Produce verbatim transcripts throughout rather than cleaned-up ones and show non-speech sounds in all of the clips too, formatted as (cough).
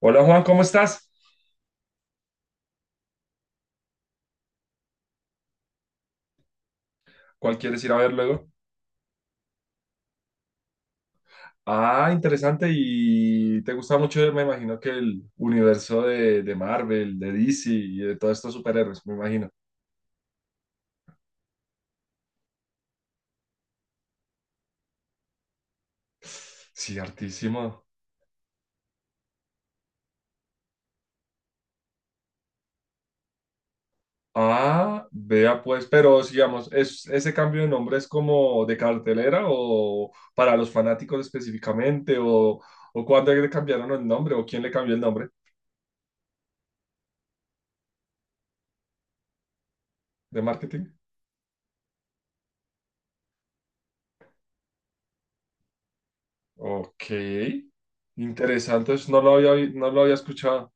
Hola Juan, ¿cómo estás? ¿Cuál quieres ir a ver luego? Ah, interesante. Y te gusta mucho, me imagino que el universo de, de Marvel, de D C y de todos estos superhéroes, me imagino. Sí, hartísimo. Ah, vea pues, pero digamos, ¿es, ¿ese cambio de nombre es como de cartelera o para los fanáticos específicamente? ¿O, o cuándo le cambiaron el nombre? ¿O quién le cambió el nombre de marketing? Ok, interesante, eso no lo había, no lo había escuchado.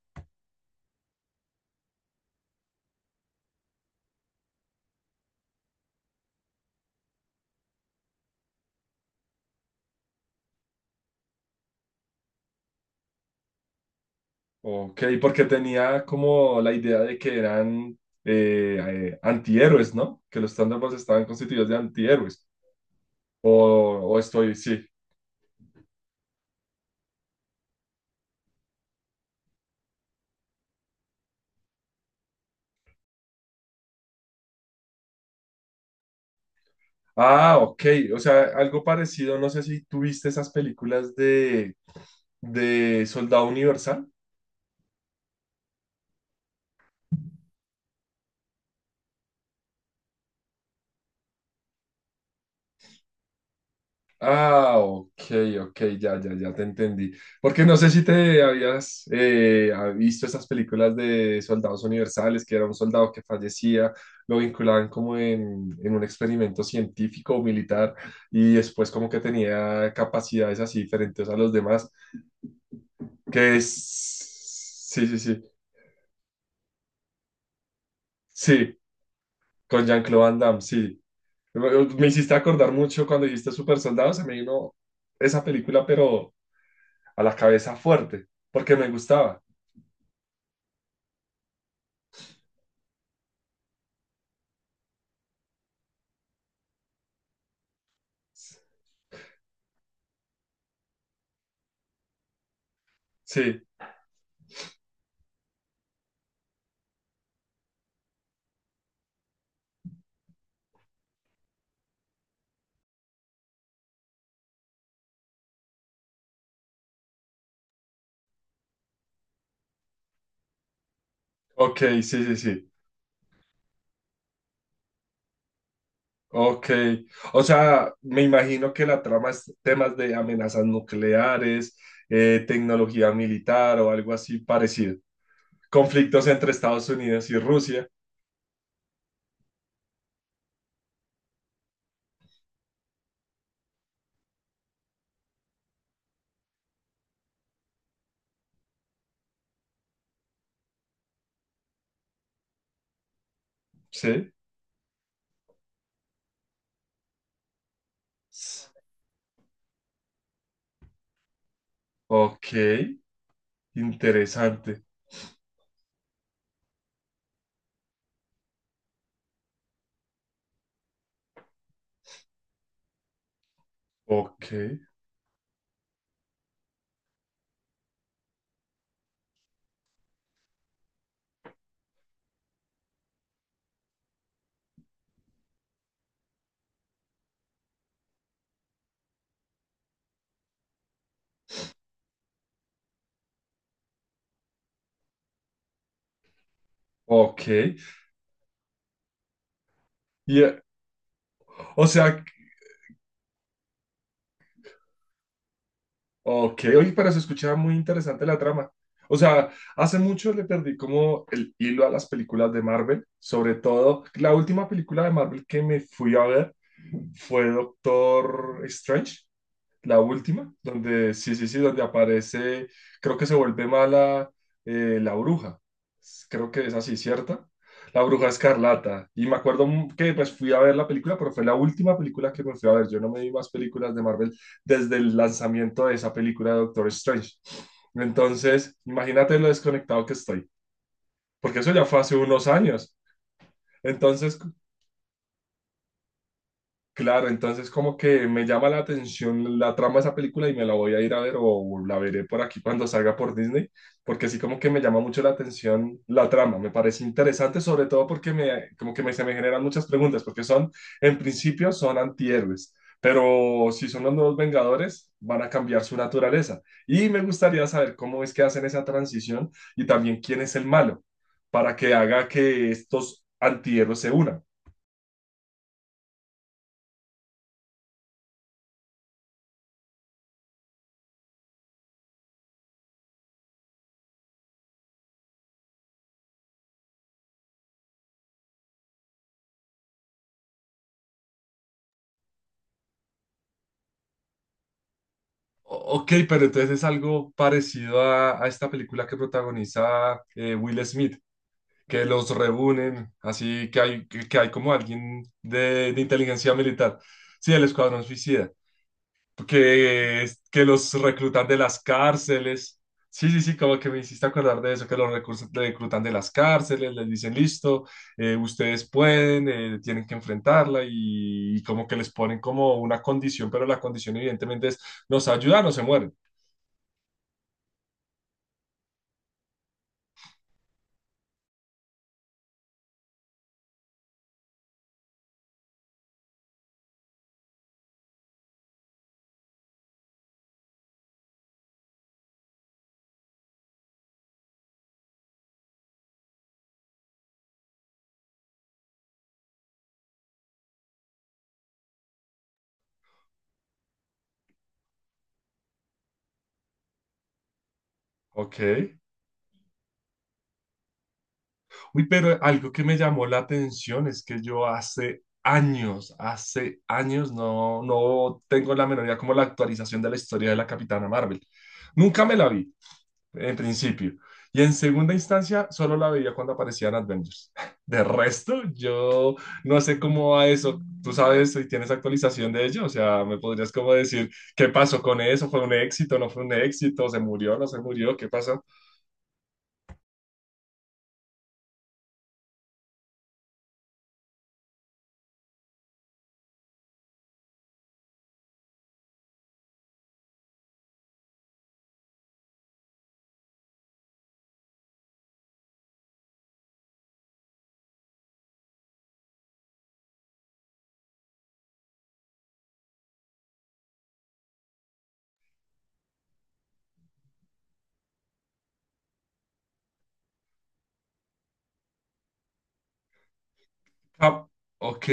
Ok, porque tenía como la idea de que eran eh, eh, antihéroes, ¿no? Que los Thunderbolts estaban constituidos de antihéroes. O, o estoy, sí. Ah, ok. O sea, algo parecido. No sé si tuviste esas películas de, de Soldado Universal. Ah, ok, ok, ya, ya, ya te entendí. Porque no sé si te habías eh, ha- visto esas películas de soldados universales, que era un soldado que fallecía, lo vinculaban como en, en un experimento científico o militar y después como que tenía capacidades así diferentes a los demás, que es... Sí, sí, sí, sí, con Jean-Claude Van Damme, sí. Me, me hiciste acordar mucho cuando dijiste Super Soldados, se me vino esa película, pero a la cabeza fuerte, porque me gustaba. Sí, ok, sí, sí, sí. Ok. O sea, me imagino que la trama es temas de amenazas nucleares, eh, tecnología militar o algo así parecido. Conflictos entre Estados Unidos y Rusia. Sí. Ok, interesante. Ok, ok. Y, eh, o sea, Ok, oye, pero se escuchaba muy interesante la trama. O sea, hace mucho le perdí como el hilo a las películas de Marvel, sobre todo la última película de Marvel que me fui a ver fue Doctor Strange la última, donde sí, sí, sí, donde aparece, creo que se vuelve mala eh, la bruja. S- Creo que es así, ¿cierta? La Bruja Escarlata. Y me acuerdo mu- que pues fui a ver la película, pero fue la última película que me fui a ver. Yo no me vi más películas de Marvel desde el lanzamiento de esa película de Doctor Strange. Entonces, imagínate lo desconectado que estoy, porque eso ya fue hace unos años. Entonces, claro, entonces como que me llama la atención la trama de esa película y me la voy a ir a ver o la veré por aquí cuando salga por Disney, porque sí como que me llama mucho la atención la trama, me parece interesante, sobre todo porque me, como que me, se me generan muchas preguntas, porque son, en principio son antihéroes, pero si son los Nuevos Vengadores, van a cambiar su naturaleza. Y me gustaría saber cómo es que hacen esa transición y también quién es el malo, para que haga que estos antihéroes se unan. O- Ok, pero entonces es algo parecido a, a esta película que protagoniza eh, Will Smith, que los reúnen, así que hay, que, que hay como alguien de, de inteligencia militar, sí, el Escuadrón Suicida, que, es- que los reclutan de las cárceles, sí, sí, sí, como que me hiciste acordar de eso, que los recursos- reclutan de las cárceles, les dicen listo, eh, ustedes pueden, eh, tienen que enfrentarla y, y como que les ponen como una condición, pero la condición evidentemente es nos ayudan o se mueren. Ok. Uy, pero algo que me llamó la atención es que yo hace años, hace años no, no tengo la menor idea como la actualización de la historia de la Capitana Marvel. Nunca me la vi, en principio. Y en segunda instancia, solo la veía cuando aparecían Avengers. (laughs) De resto, yo no sé cómo va eso. ¿Tú sabes si tienes actualización de ello? O sea, ¿me podrías como decir qué pasó con eso? ¿Fue un éxito? ¿No fue un éxito? ¿Se murió? ¿No se murió? ¿Qué pasó? Ah, ok,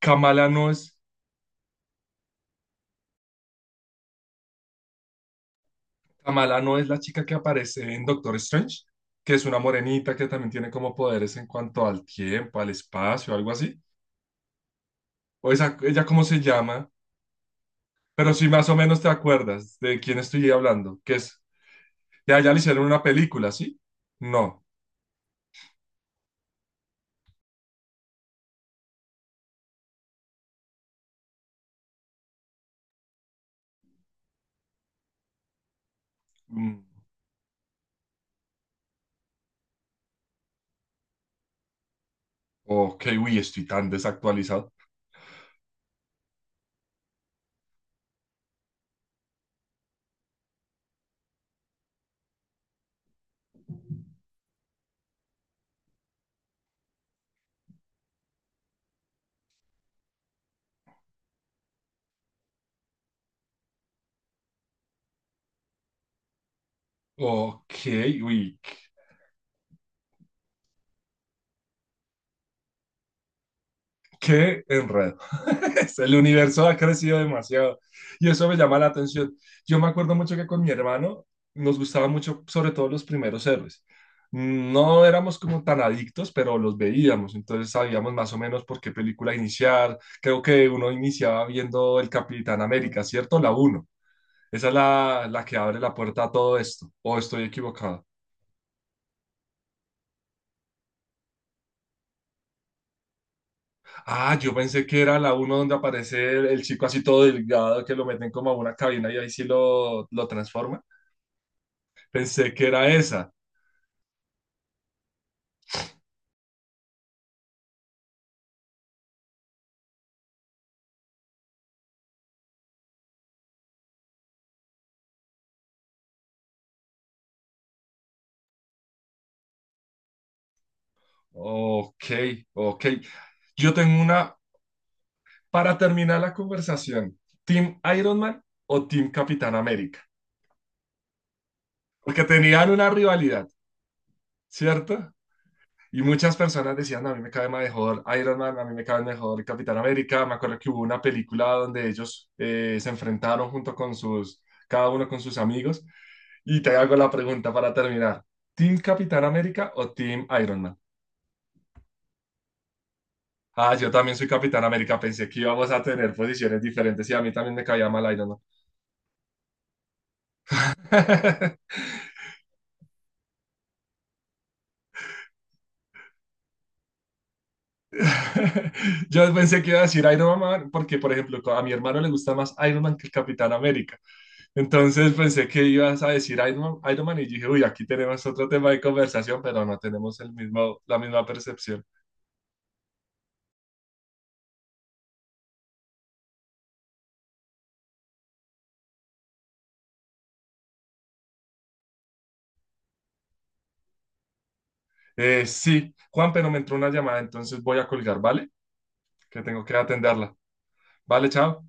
Kamala no es. Kamala no es la chica que aparece en Doctor Strange, que es una morenita que también tiene como poderes en cuanto al tiempo, al espacio, algo así. O esa, ella cómo se llama, pero si más o menos te acuerdas de quién estoy hablando, que es, ya, ya le hicieron una película, ¿sí? No. Mm, ok, uy, estoy tan desactualizado. Ok, uy, qué enredo. (laughs) El universo ha crecido demasiado y eso me llama la atención. Yo me acuerdo mucho que con mi hermano nos gustaba mucho, sobre todo los primeros héroes. No éramos como tan adictos, pero los veíamos, entonces sabíamos más o menos por qué película iniciar. Creo que uno iniciaba viendo El Capitán América, ¿cierto? La uno. Esa es la, la que abre la puerta a todo esto, o estoy equivocado. Ah, yo pensé que era la uno donde aparece el, el chico así todo delgado que lo meten como a una cabina y ahí sí lo, lo transforma. Pensé que era esa. Ok, ok. Yo tengo una para terminar la conversación. ¿Team Iron Man o Team Capitán América? Porque tenían una rivalidad, ¿cierto? Y muchas personas decían, a mí me cae mejor Iron Man, a mí me cae mejor Capitán América. Me acuerdo que hubo una película donde ellos eh, se enfrentaron junto con sus, cada uno con sus amigos. Y te hago la pregunta para terminar. ¿Team Capitán América o Team Iron Man? Ah, yo también soy Capitán América. Pensé que íbamos a tener posiciones diferentes y a mí también me caía mal Iron Man. (laughs) Yo pensé que iba a decir Iron Man porque, por ejemplo, a mi hermano le gusta más Iron Man que el Capitán América. Entonces pensé que ibas a decir Iron Man, Iron Man y dije, uy, aquí tenemos otro tema de conversación, pero no tenemos el mismo, la misma percepción. Eh, sí, Juan, pero me entró una llamada, entonces voy a colgar, ¿vale? Que tengo que atenderla. Vale, chao.